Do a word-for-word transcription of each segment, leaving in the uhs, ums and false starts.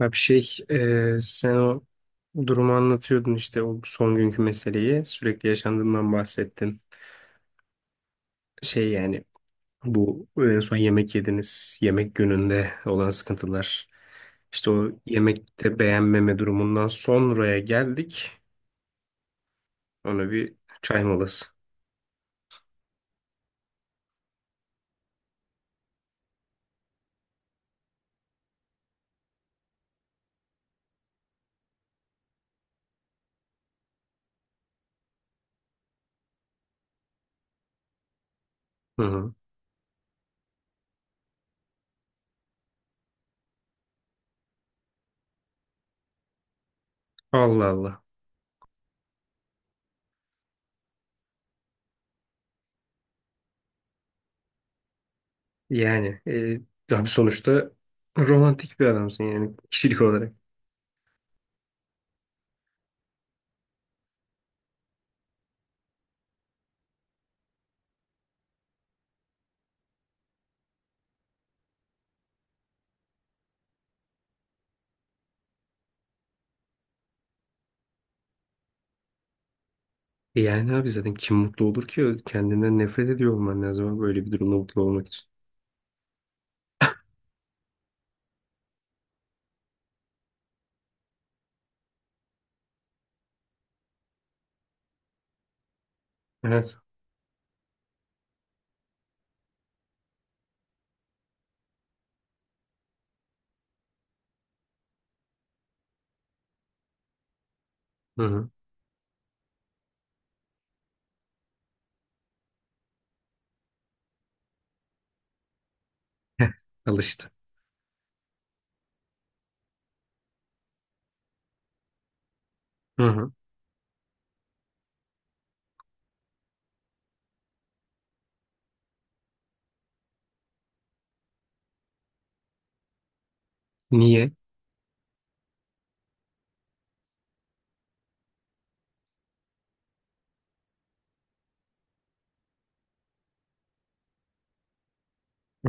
Ya bir şey e, sen o durumu anlatıyordun işte o son günkü meseleyi sürekli yaşandığından bahsettin. Şey yani bu en son yemek yediniz yemek gününde olan sıkıntılar. İşte o yemekte beğenmeme durumundan sonraya geldik. Ona bir çay molası. Hı hı. Allah Allah. Yani e, abi sonuçta romantik bir adamsın yani kişilik olarak. E yani abi zaten kim mutlu olur ki? Kendinden nefret ediyor olman lazım abi böyle bir durumda mutlu olmak için. Evet. Hı hı. Alıştı. Hı hı. Niye?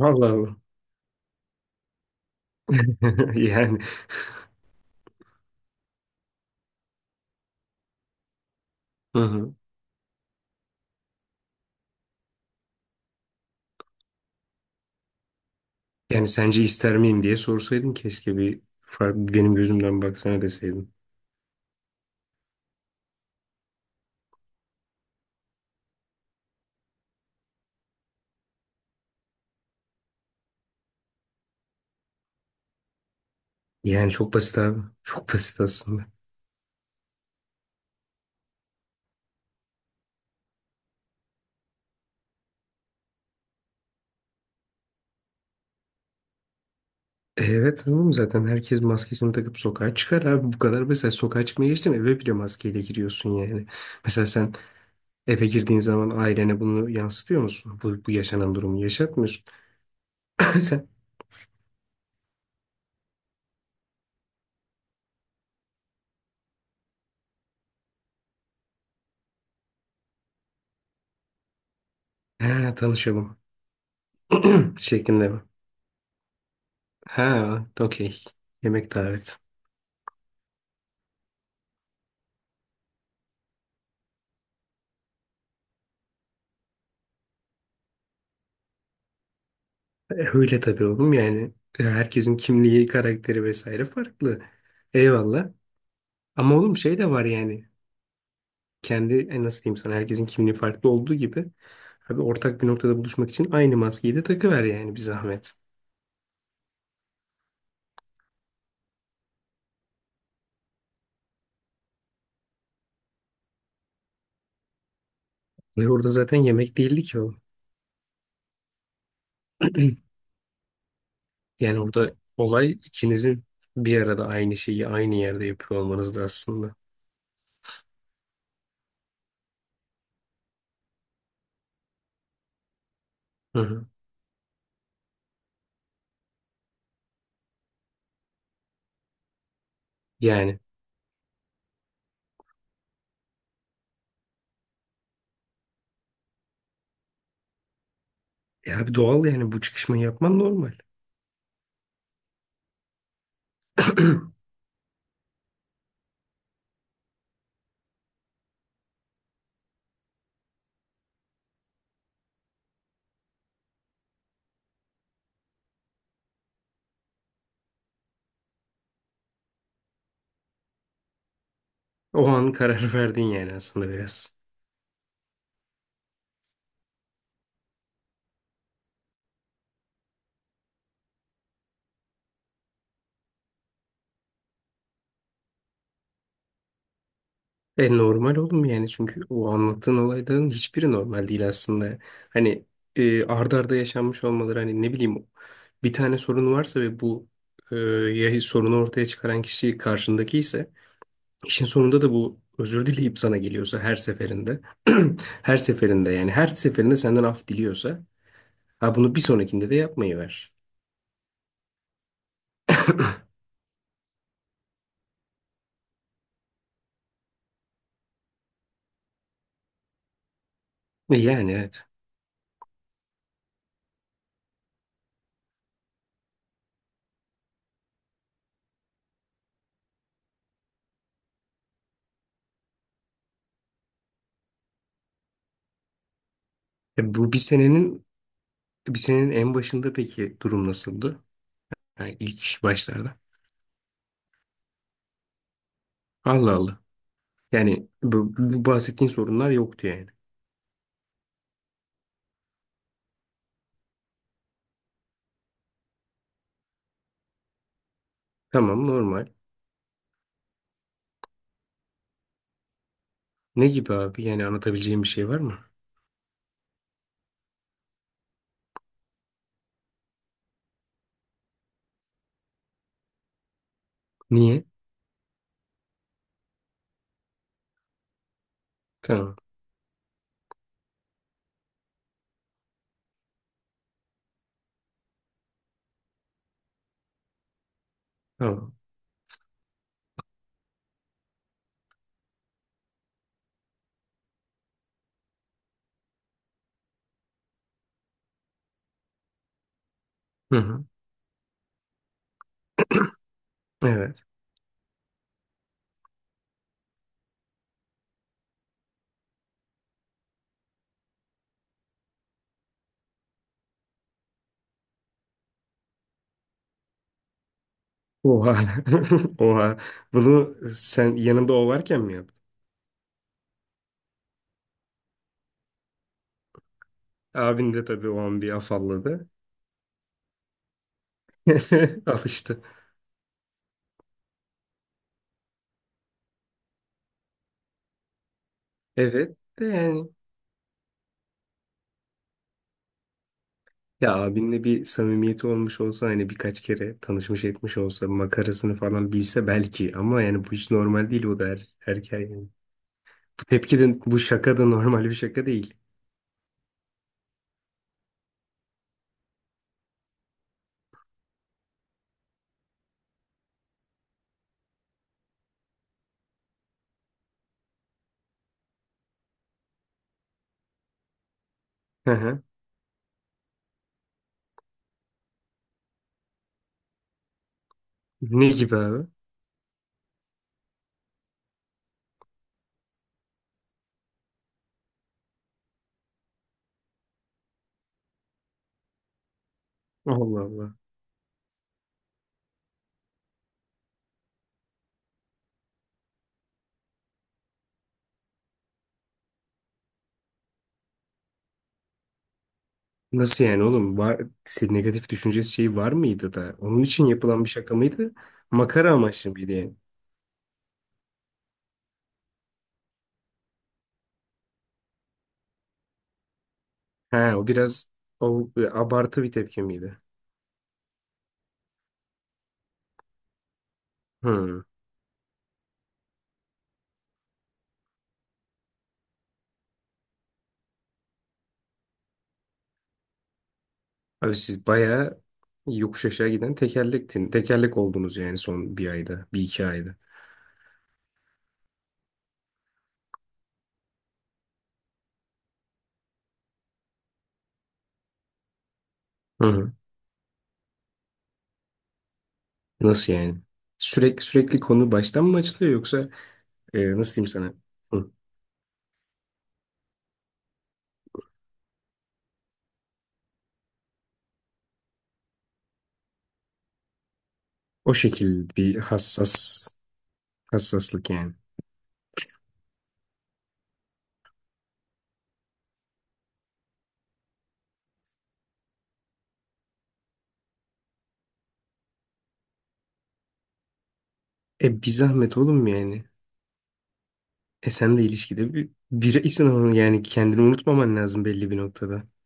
Allah Allah. Yani hı hı. Yani sence ister miyim diye sorsaydın keşke, bir farklı benim gözümden baksana deseydin. Yani çok basit abi. Çok basit aslında. E, evet, tamam, zaten herkes maskesini takıp sokağa çıkar abi, bu kadar. Mesela sokağa çıkmaya geçtim, eve bile maskeyle giriyorsun yani. Mesela sen eve girdiğin zaman ailene bunu yansıtıyor musun? Bu, bu yaşanan durumu yaşatmıyorsun. Sen, "Ha, tanışalım şeklinde mi? Ha, okey. Yemek davet. E, öyle tabii oğlum yani. E, herkesin kimliği, karakteri vesaire farklı. Eyvallah. Ama oğlum şey de var yani. Kendi e, nasıl diyeyim sana, herkesin kimliği farklı olduğu gibi. Abi ortak bir noktada buluşmak için aynı maskeyi de takıver yani, bir zahmet. Ve orada zaten yemek değildi ki o. Yani orada olay ikinizin bir arada aynı şeyi aynı yerde yapıyor olmanızdı aslında. Hı hı. Yani. E abi, doğal yani, bu çıkışmayı yapman normal. O an karar verdin yani aslında, biraz. E normal oğlum yani, çünkü o anlattığın olayların hiçbiri normal değil aslında. Hani e, arda arda yaşanmış olmaları, hani ne bileyim, bir tane sorun varsa ve bu e, ya sorunu ortaya çıkaran kişi karşındaki ise, işin sonunda da bu özür dileyip sana geliyorsa her seferinde her seferinde, yani her seferinde senden af diliyorsa, ha, bunu bir sonrakinde de yapmayı ver. E, yani evet. E, bu bir senenin bir senenin en başında peki durum nasıldı? Yani ilk başlarda. Allah Allah. Yani bu, bu bahsettiğin sorunlar yoktu yani. Tamam, normal. Ne gibi abi? Yani anlatabileceğim bir şey var mı? Niye? Tamam. Tamam. Hı hı. Evet. Oha. Oha. Bunu sen yanında o varken mi yaptın? Abin de tabii o an bir afalladı. Alıştı. Evet de yani. Ya abinle bir samimiyeti olmuş olsa, hani birkaç kere tanışmış etmiş olsa, makarasını falan bilse belki, ama yani bu hiç normal değil o da, her erkeğe. Tepki de, bu şaka da normal bir şaka değil. Hı hı. Ne gibi abi? Allah Allah. Nasıl yani oğlum? Var, senin negatif düşünce şeyi var mıydı da? Onun için yapılan bir şaka mıydı? Makara amaçlı mıydı yani? Ha, o biraz o, e, abartı bir tepki miydi? Hmm. Abi siz bayağı yokuş aşağı giden tekerlektin. Tekerlek oldunuz yani, son bir ayda, bir iki ayda. Hı hı. Nasıl yani? Sürekli sürekli konu baştan mı açılıyor, yoksa e, nasıl diyeyim sana? Hı. O şekilde bir hassas. Hassaslık yani. E bir zahmet oğlum yani. E sen de ilişkide bir bireysin ama yani, kendini unutmaman lazım belli bir noktada.